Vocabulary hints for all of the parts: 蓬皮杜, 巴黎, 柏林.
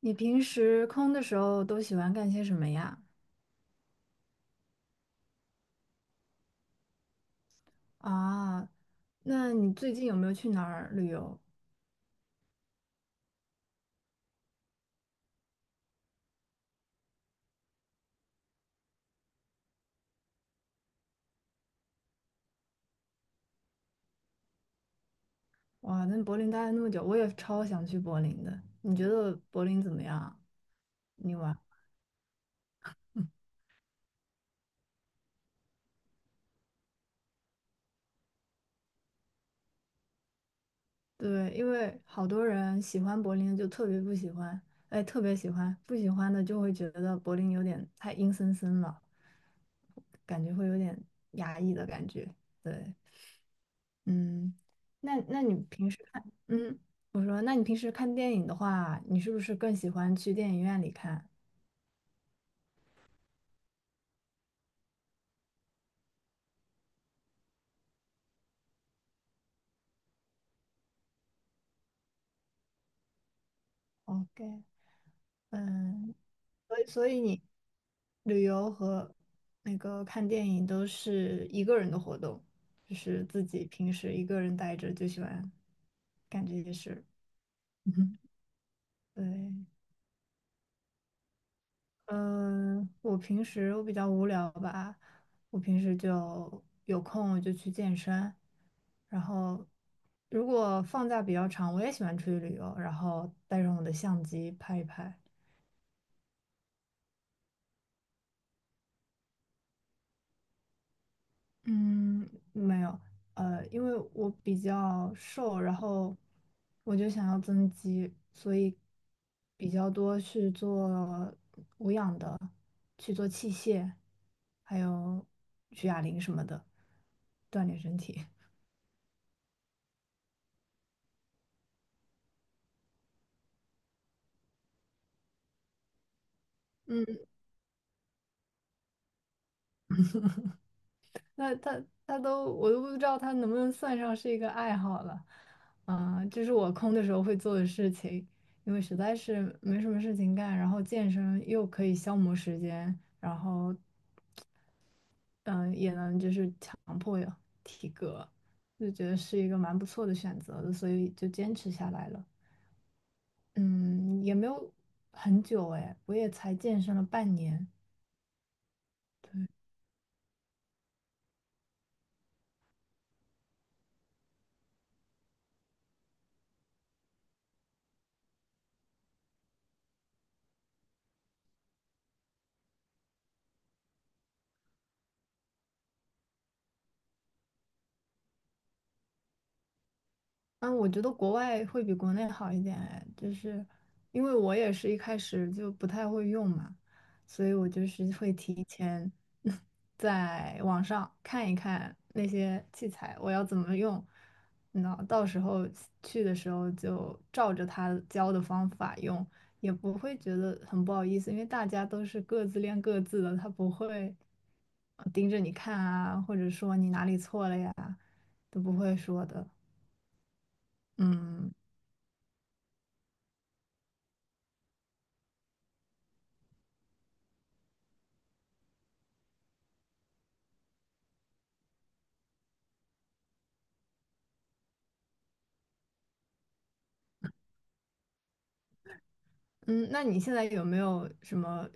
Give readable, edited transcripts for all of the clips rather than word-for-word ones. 你平时空的时候都喜欢干些什么呀？啊，那你最近有没有去哪儿旅游？哇，那柏林待了那么久，我也超想去柏林的。你觉得柏林怎么样啊。你玩？对，因为好多人喜欢柏林的就特别不喜欢，哎，特别喜欢，不喜欢的就会觉得柏林有点太阴森森了，感觉会有点压抑的感觉。对，嗯，那你平时看，我说，那你平时看电影的话，你是不是更喜欢去电影院里看？OK，嗯，所以你旅游和那个看电影都是一个人的活动，就是自己平时一个人待着就喜欢干这些事。嗯，对。嗯，我平时我比较无聊吧，我平时就有空我就去健身，然后如果放假比较长，我也喜欢出去旅游，然后带上我的相机拍一拍。嗯，没有，因为我比较瘦，然后我就想要增肌，所以比较多去做无氧的，去做器械，还有举哑铃什么的，锻炼身体。嗯 那他他都我都不知道他能不能算上是一个爱好了，啊、就是我空的时候会做的事情。因为实在是没什么事情干，然后健身又可以消磨时间，然后也能就是强迫有体格，就觉得是一个蛮不错的选择的，所以就坚持下来了。嗯，也没有很久哎，我也才健身了半年，对，嗯，我觉得国外会比国内好一点哎，就是因为我也是一开始就不太会用嘛，所以我就是会提前 在网上看一看那些器材我要怎么用，那到时候去的时候就照着他教的方法用，也不会觉得很不好意思，因为大家都是各自练各自的，他不会盯着你看啊，或者说你哪里错了呀，都不会说的，嗯。嗯，那你现在有没有什么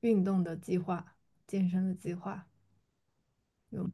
运动的计划、健身的计划？有吗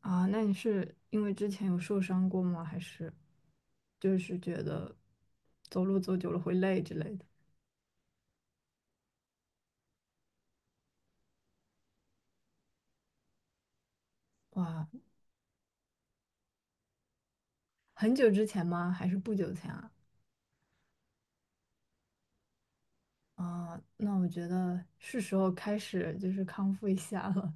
啊？那你是因为之前有受伤过吗？还是就是觉得走路走久了会累之类的？哇，很久之前吗？还是不久前啊？啊，那我觉得是时候开始就是康复一下了。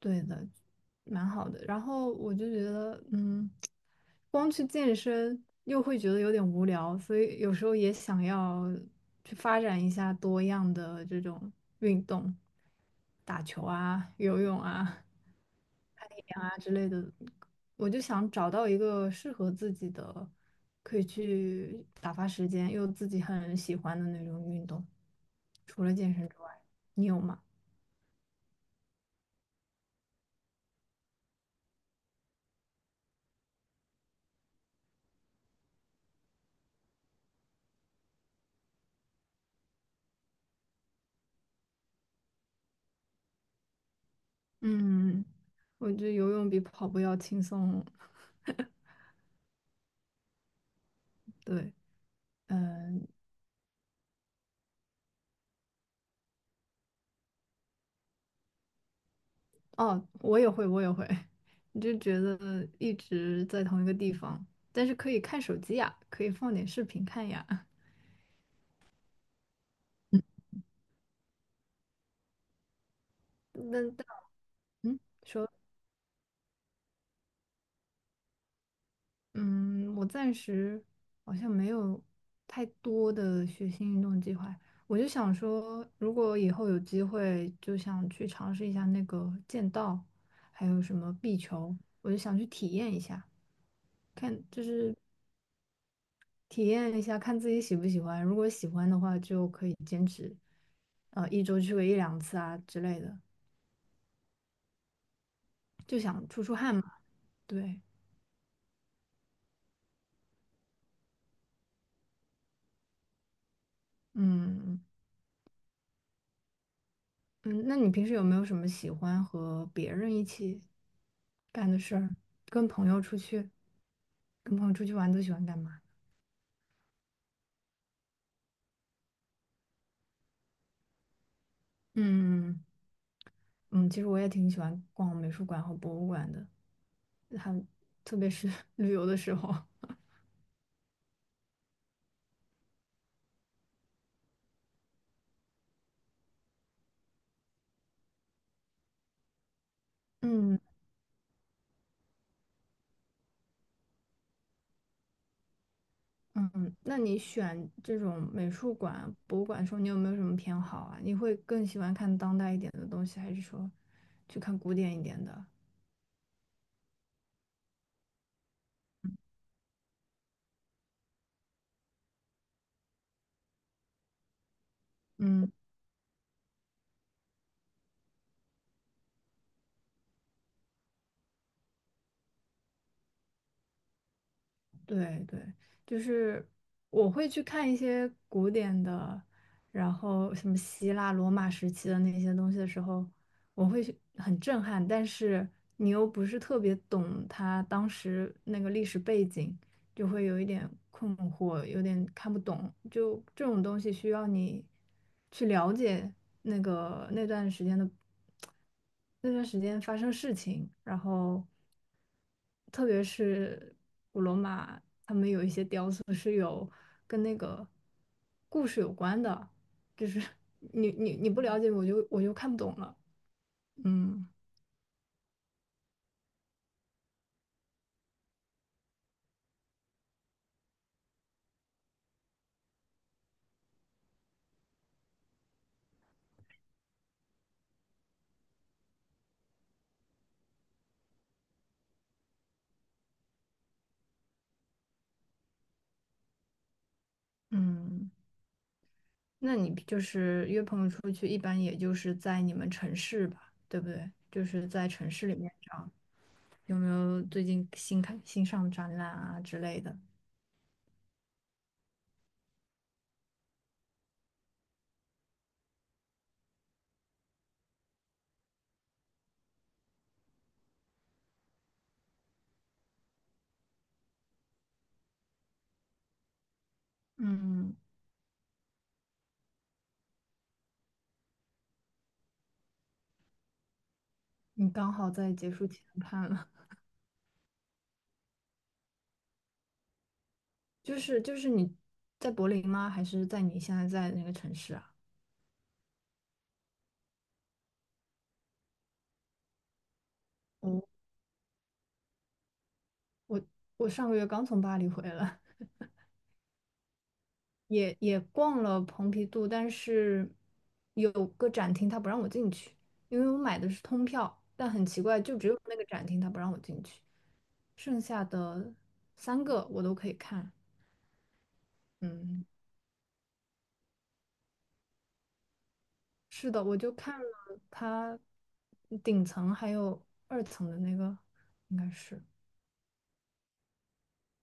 对的，蛮好的。然后我就觉得，嗯，光去健身又会觉得有点无聊，所以有时候也想要去发展一下多样的这种运动，打球啊、游泳啊、攀岩啊之类的。我就想找到一个适合自己的，可以去打发时间，又自己很喜欢的那种运动，除了健身之外，你有吗？嗯，我觉得游泳比跑步要轻松。对，嗯，哦，我也会，我也会。你就觉得一直在同一个地方，但是可以看手机呀，可以放点视频看呀。嗯那但嗯，说。嗯，我暂时好像没有太多的学新运动计划。我就想说，如果以后有机会，就想去尝试一下那个剑道，还有什么壁球，我就想去体验一下，看就是体验一下，看自己喜不喜欢。如果喜欢的话，就可以坚持，一周去个一两次啊之类的，就想出出汗嘛。对，嗯。嗯，那你平时有没有什么喜欢和别人一起干的事儿？跟朋友出去，跟朋友出去玩都喜欢干嘛？嗯嗯，其实我也挺喜欢逛美术馆和博物馆的，还特别是 旅游的时候。嗯嗯，那你选这种美术馆、博物馆的时候，你有没有什么偏好啊？你会更喜欢看当代一点的东西，还是说去看古典一点的？嗯。对对，就是我会去看一些古典的，然后什么希腊、罗马时期的那些东西的时候，我会去很震撼，但是你又不是特别懂他当时那个历史背景，就会有一点困惑，有点看不懂。就这种东西需要你去了解那个那段时间的那段时间发生事情，然后特别是古罗马，他们有一些雕塑是有跟那个故事有关的，就是 你不了解我就看不懂了，嗯。嗯，那你就是约朋友出去，一般也就是在你们城市吧，对不对？就是在城市里面找，有没有最近新开新上展览啊之类的？嗯，你刚好在结束前看了，就是你在柏林吗？还是在你现在在的那个城市啊？我我上个月刚从巴黎回来，也逛了蓬皮杜，但是有个展厅他不让我进去，因为我买的是通票，但很奇怪，就只有那个展厅他不让我进去。剩下的3个我都可以看。嗯，是的，我就看了它顶层还有2层的那个，应该是。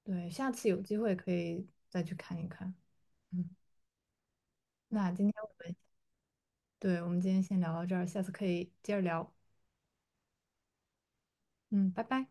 对，下次有机会可以再去看一看。嗯，那今天我们，对，我们今天先聊到这儿，下次可以接着聊。嗯，拜拜。